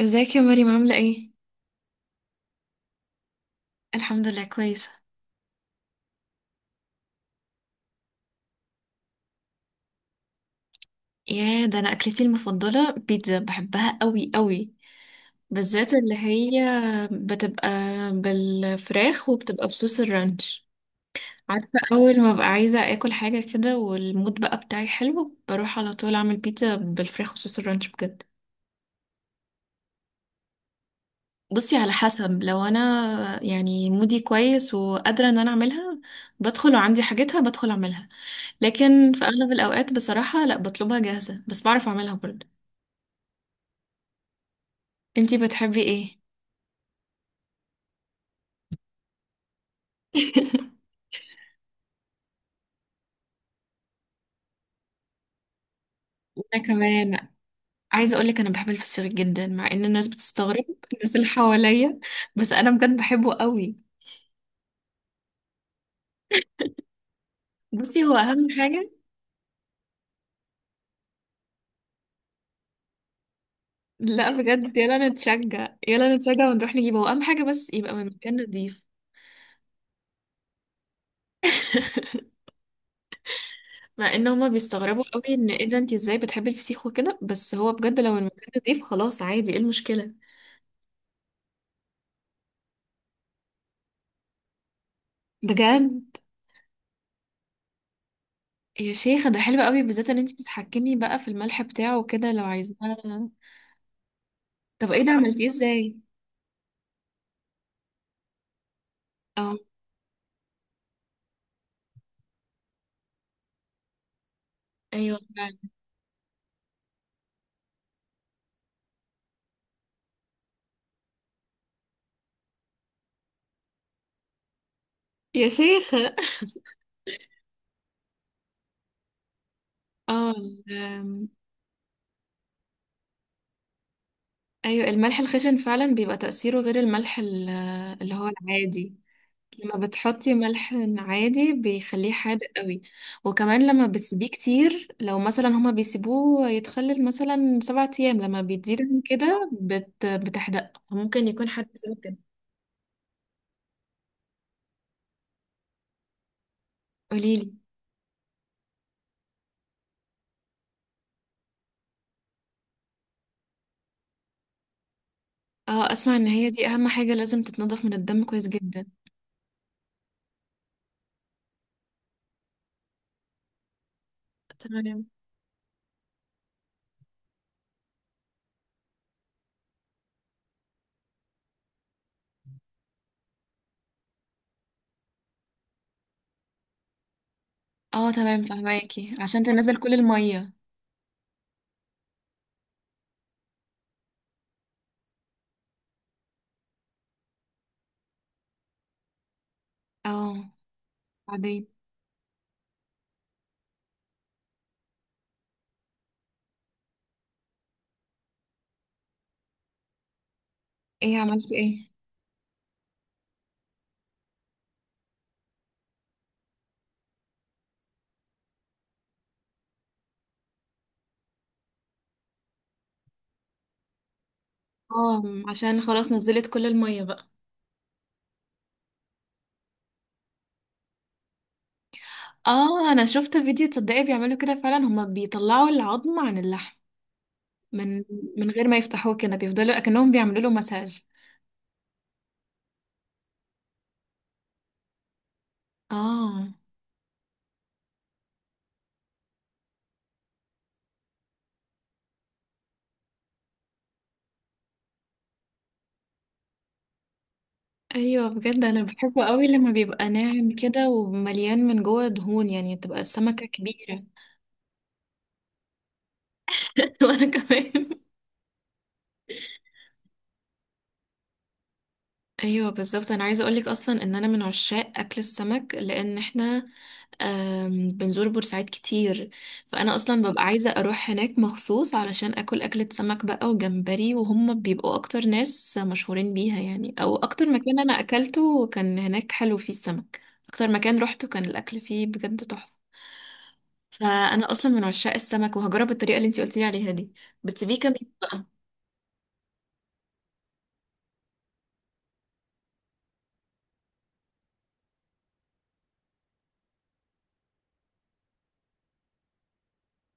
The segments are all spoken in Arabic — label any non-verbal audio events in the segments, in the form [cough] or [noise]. ازيك يا مريم عاملة ايه؟ الحمد لله كويسة. يا ده انا اكلتي المفضلة بيتزا بحبها قوي قوي، بالذات اللي هي بتبقى بالفراخ وبتبقى بصوص الرانش. عارفة اول ما ببقى عايزة اكل حاجة كده والمود بقى بتاعي حلو بروح على طول اعمل بيتزا بالفراخ وصوص الرانش بجد. بصي، على حسب، لو انا يعني مودي كويس وقادرة ان انا اعملها، بدخل وعندي حاجتها بدخل اعملها. لكن في اغلب الاوقات بصراحة لا، بطلبها جاهزة، بس بعرف اعملها برضه. انتي بتحبي ايه؟ [laughs] انا كمان. عايزة اقولك انا بحب الفسيخ جدا مع ان الناس بتستغرب، [laughs] الناس اللي حواليا، بس انا بجد بحبه قوي. بصي، هو اهم حاجة. [laughs] لا بجد، يلا نتشجع يلا نتشجع ونروح نجيبه، هو اهم حاجة، بس يبقى من مكان نضيف. [laughs] مع ان هما بيستغربوا قوي ان ايه ده انتي ازاي بتحبي الفسيخ وكده، بس هو بجد لو المكان نضيف خلاص عادي، ايه المشكلة؟ بجد، يا شيخة ده حلو قوي، بالذات ان انت تتحكمي بقى في الملح بتاعه وكده لو عايزاه. طب ايه ده عملتيه ازاي؟ اه ايوه فعلا. يا شيخة. اه. ايوه الملح الخشن فعلا بيبقى تأثيره غير الملح اللي هو العادي. لما بتحطي ملح عادي بيخليه حادق قوي. وكمان لما بتسيبيه كتير، لو مثلا هما بيسيبوه يتخلل مثلا سبعة ايام، لما بيزيد عن كده بتحدق، ممكن يكون حد بسبب كده. قوليلي. اه، اسمع ان هي دي اهم حاجة لازم تتنضف من الدم كويس جدا. تمام. اه تمام، فهماكي عشان تنزل كل المية. اه، بعدين. ايه عملتي ايه؟ اه، عشان خلاص نزلت كل المية بقى. اه انا شفت فيديو، تصدقي بيعملوا كده فعلا، هما بيطلعوا العظم عن اللحم من من غير ما يفتحوه كده، بيفضلوا اكنهم بيعملوا له مساج. اه. ايوه بجد انا بحبه قوي لما بيبقى ناعم كده ومليان من جوه دهون، يعني تبقى السمكة كبيرة. [laughs] وانا كمان. ايوه بالظبط، انا عايزه اقولك اصلا ان انا من عشاق اكل السمك، لان احنا بنزور بورسعيد كتير. فانا اصلا ببقى عايزه اروح هناك مخصوص علشان اكل اكله سمك بقى وجمبري، وهم بيبقوا اكتر ناس مشهورين بيها يعني، او اكتر مكان انا اكلته كان هناك حلو فيه السمك. اكتر مكان روحته كان الاكل فيه بجد تحفه. فانا اصلا من عشاق السمك، وهجرب الطريقه اللي انتي قلتيلي عليها دي. بتسيبيه كمان بقى؟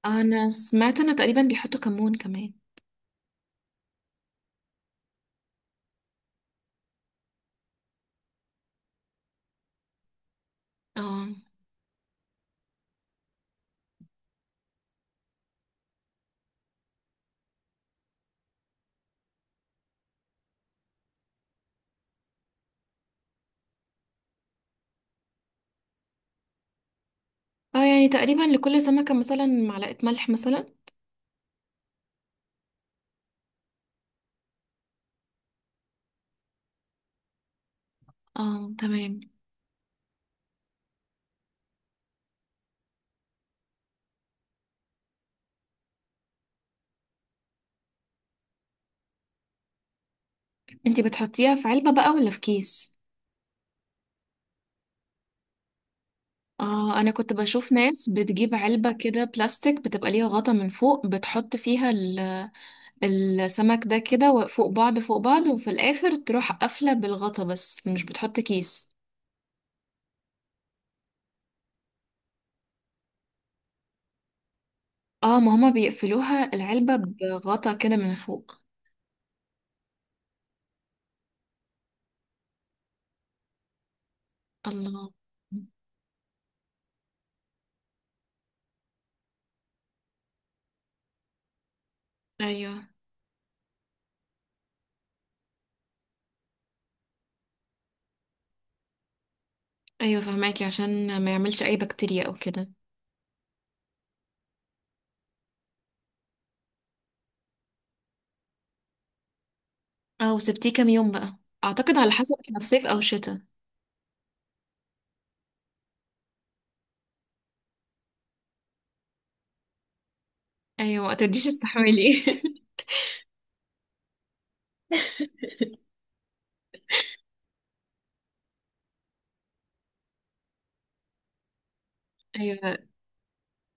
انا سمعت انه تقريبا بيحطوا كمون كمان. اه. اه، يعني تقريبا لكل سمكة مثلا معلقة ملح مثلا. اه تمام. انتي بتحطيها في علبة بقى ولا في كيس؟ اه، انا كنت بشوف ناس بتجيب علبة كده بلاستيك بتبقى ليها غطا من فوق، بتحط فيها السمك ده كده فوق بعض فوق بعض، وفي الاخر تروح قافلة بالغطا، بس مش بتحط كيس. اه، ما هما بيقفلوها العلبة بغطا كده من فوق. الله. ايوه ايوه، فهماكي عشان ما يعملش اي بكتيريا او كده. اه، وسبتيه كام يوم بقى؟ اعتقد على حسب احنا في صيف او شتاء. ايوه، ما ترديش استحملي. [laughs] ايوه.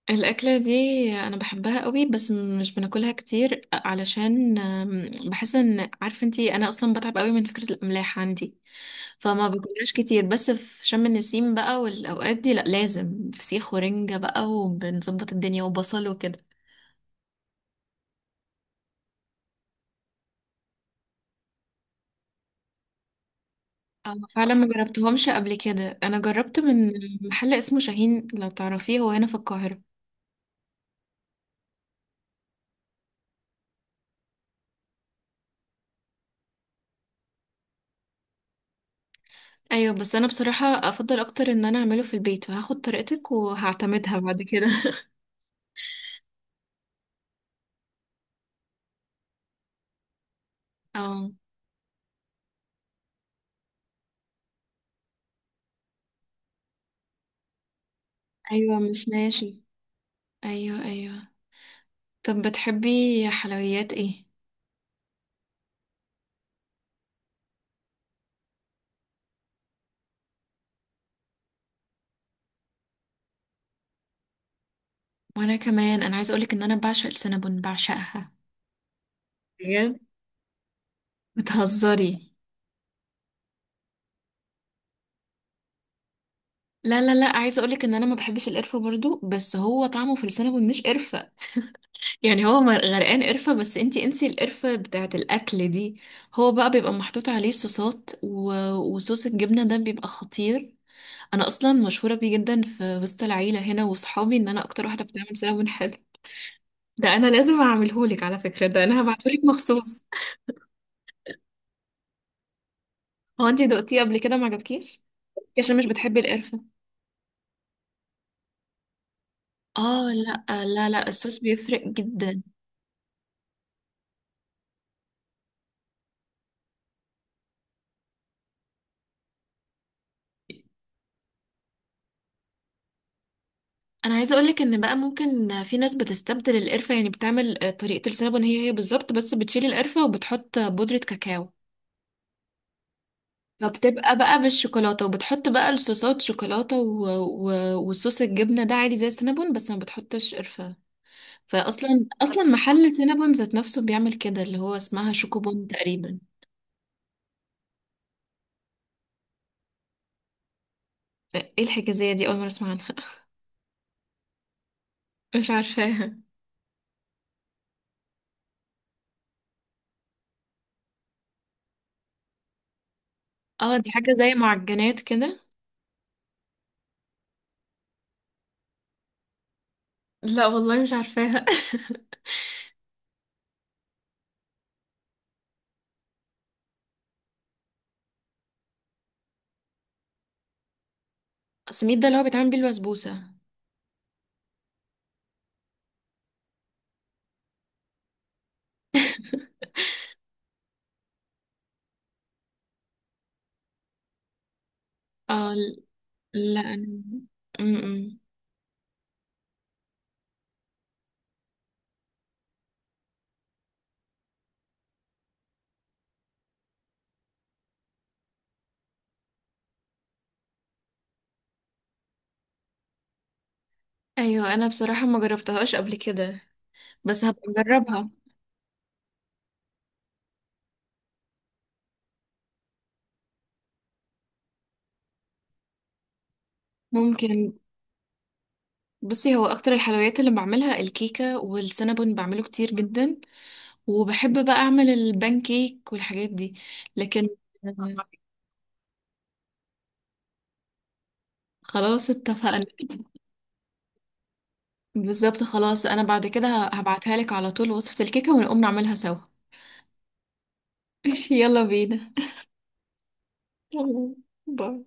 الاكله دي انا بحبها قوي، بس مش بناكلها كتير علشان بحس ان، عارفه انتي، انا اصلا بتعب قوي من فكره الاملاح عندي. فما باكلهاش كتير، بس في شم النسيم بقى والاوقات دي لا، لازم فسيخ ورنجه بقى، وبنظبط الدنيا وبصل وكده. فعلا ما جربتهمش قبل كده. انا جربت من محل اسمه شاهين، لو تعرفيه، هو هنا في القاهره. ايوه، بس انا بصراحة افضل اكتر ان انا اعمله في البيت، فهاخد طريقتك وهعتمدها بعد كده. [laughs] اه. ايوه مش ناشف. ايوه ايوه. طب بتحبي حلويات ايه؟ وانا كمان، انا عايزه اقولك ان انا بعشق السينابون، بعشقها. بجد، بتهزري؟ لا لا لا، عايزه اقولك ان انا ما بحبش القرفه برضو، بس هو طعمه في السينابون مش قرفه. يعني هو غرقان قرفه، بس انتي انسي القرفه بتاعه الاكل دي. هو بقى بيبقى محطوط عليه صوصات وصوص الجبنه ده بيبقى خطير. انا اصلا مشهوره بيه جدا في وسط العيله هنا وصحابي ان انا اكتر واحده بتعمل سينابون حلو. ده انا لازم اعملهولك على فكره، ده انا هبعتهولك مخصوص. هو انتي دقتيه قبل كده ما عجبكيش؟ عشان مش بتحبي القرفه. اه، لا لا لا، الصوص بيفرق جدا. انا عايزه اقولك ان بقى ممكن في ناس بتستبدل القرفه، يعني بتعمل طريقه السينابون هي هي بالظبط، بس بتشيل القرفه وبتحط بودره كاكاو. فبتبقى بقى بالشوكولاته، وبتحط بقى الصوصات شوكولاته وصوص الجبنه ده عادي زي السينابون، بس ما بتحطش قرفه. فاصلا محل سينابون ذات نفسه بيعمل كده، اللي هو اسمها شوكوبون تقريبا. ايه الحكايه دي؟ اول مره اسمع عنها. [laughs] مش عارفاها. اه دي حاجه زي معجنات كده. لا والله مش عارفاها. [laughs] سميد ده اللي هو بيتعمل بيه البسبوسه؟ [laughs] اه. لا انا، م-م. ايوه، انا بصراحه ما جربتهاش قبل كده، بس هبقى اجربها. ممكن. بصي هو اكتر الحلويات اللي بعملها الكيكه والسينابون، بعمله كتير جدا، وبحب بقى اعمل البان كيك والحاجات دي. لكن آه، خلاص اتفقنا. بالظبط خلاص، انا بعد كده هبعتها لك على طول وصفة الكيكة، ونقوم نعملها سوا. [laughs] ماشي يلا بينا. [laughs] تمام. باي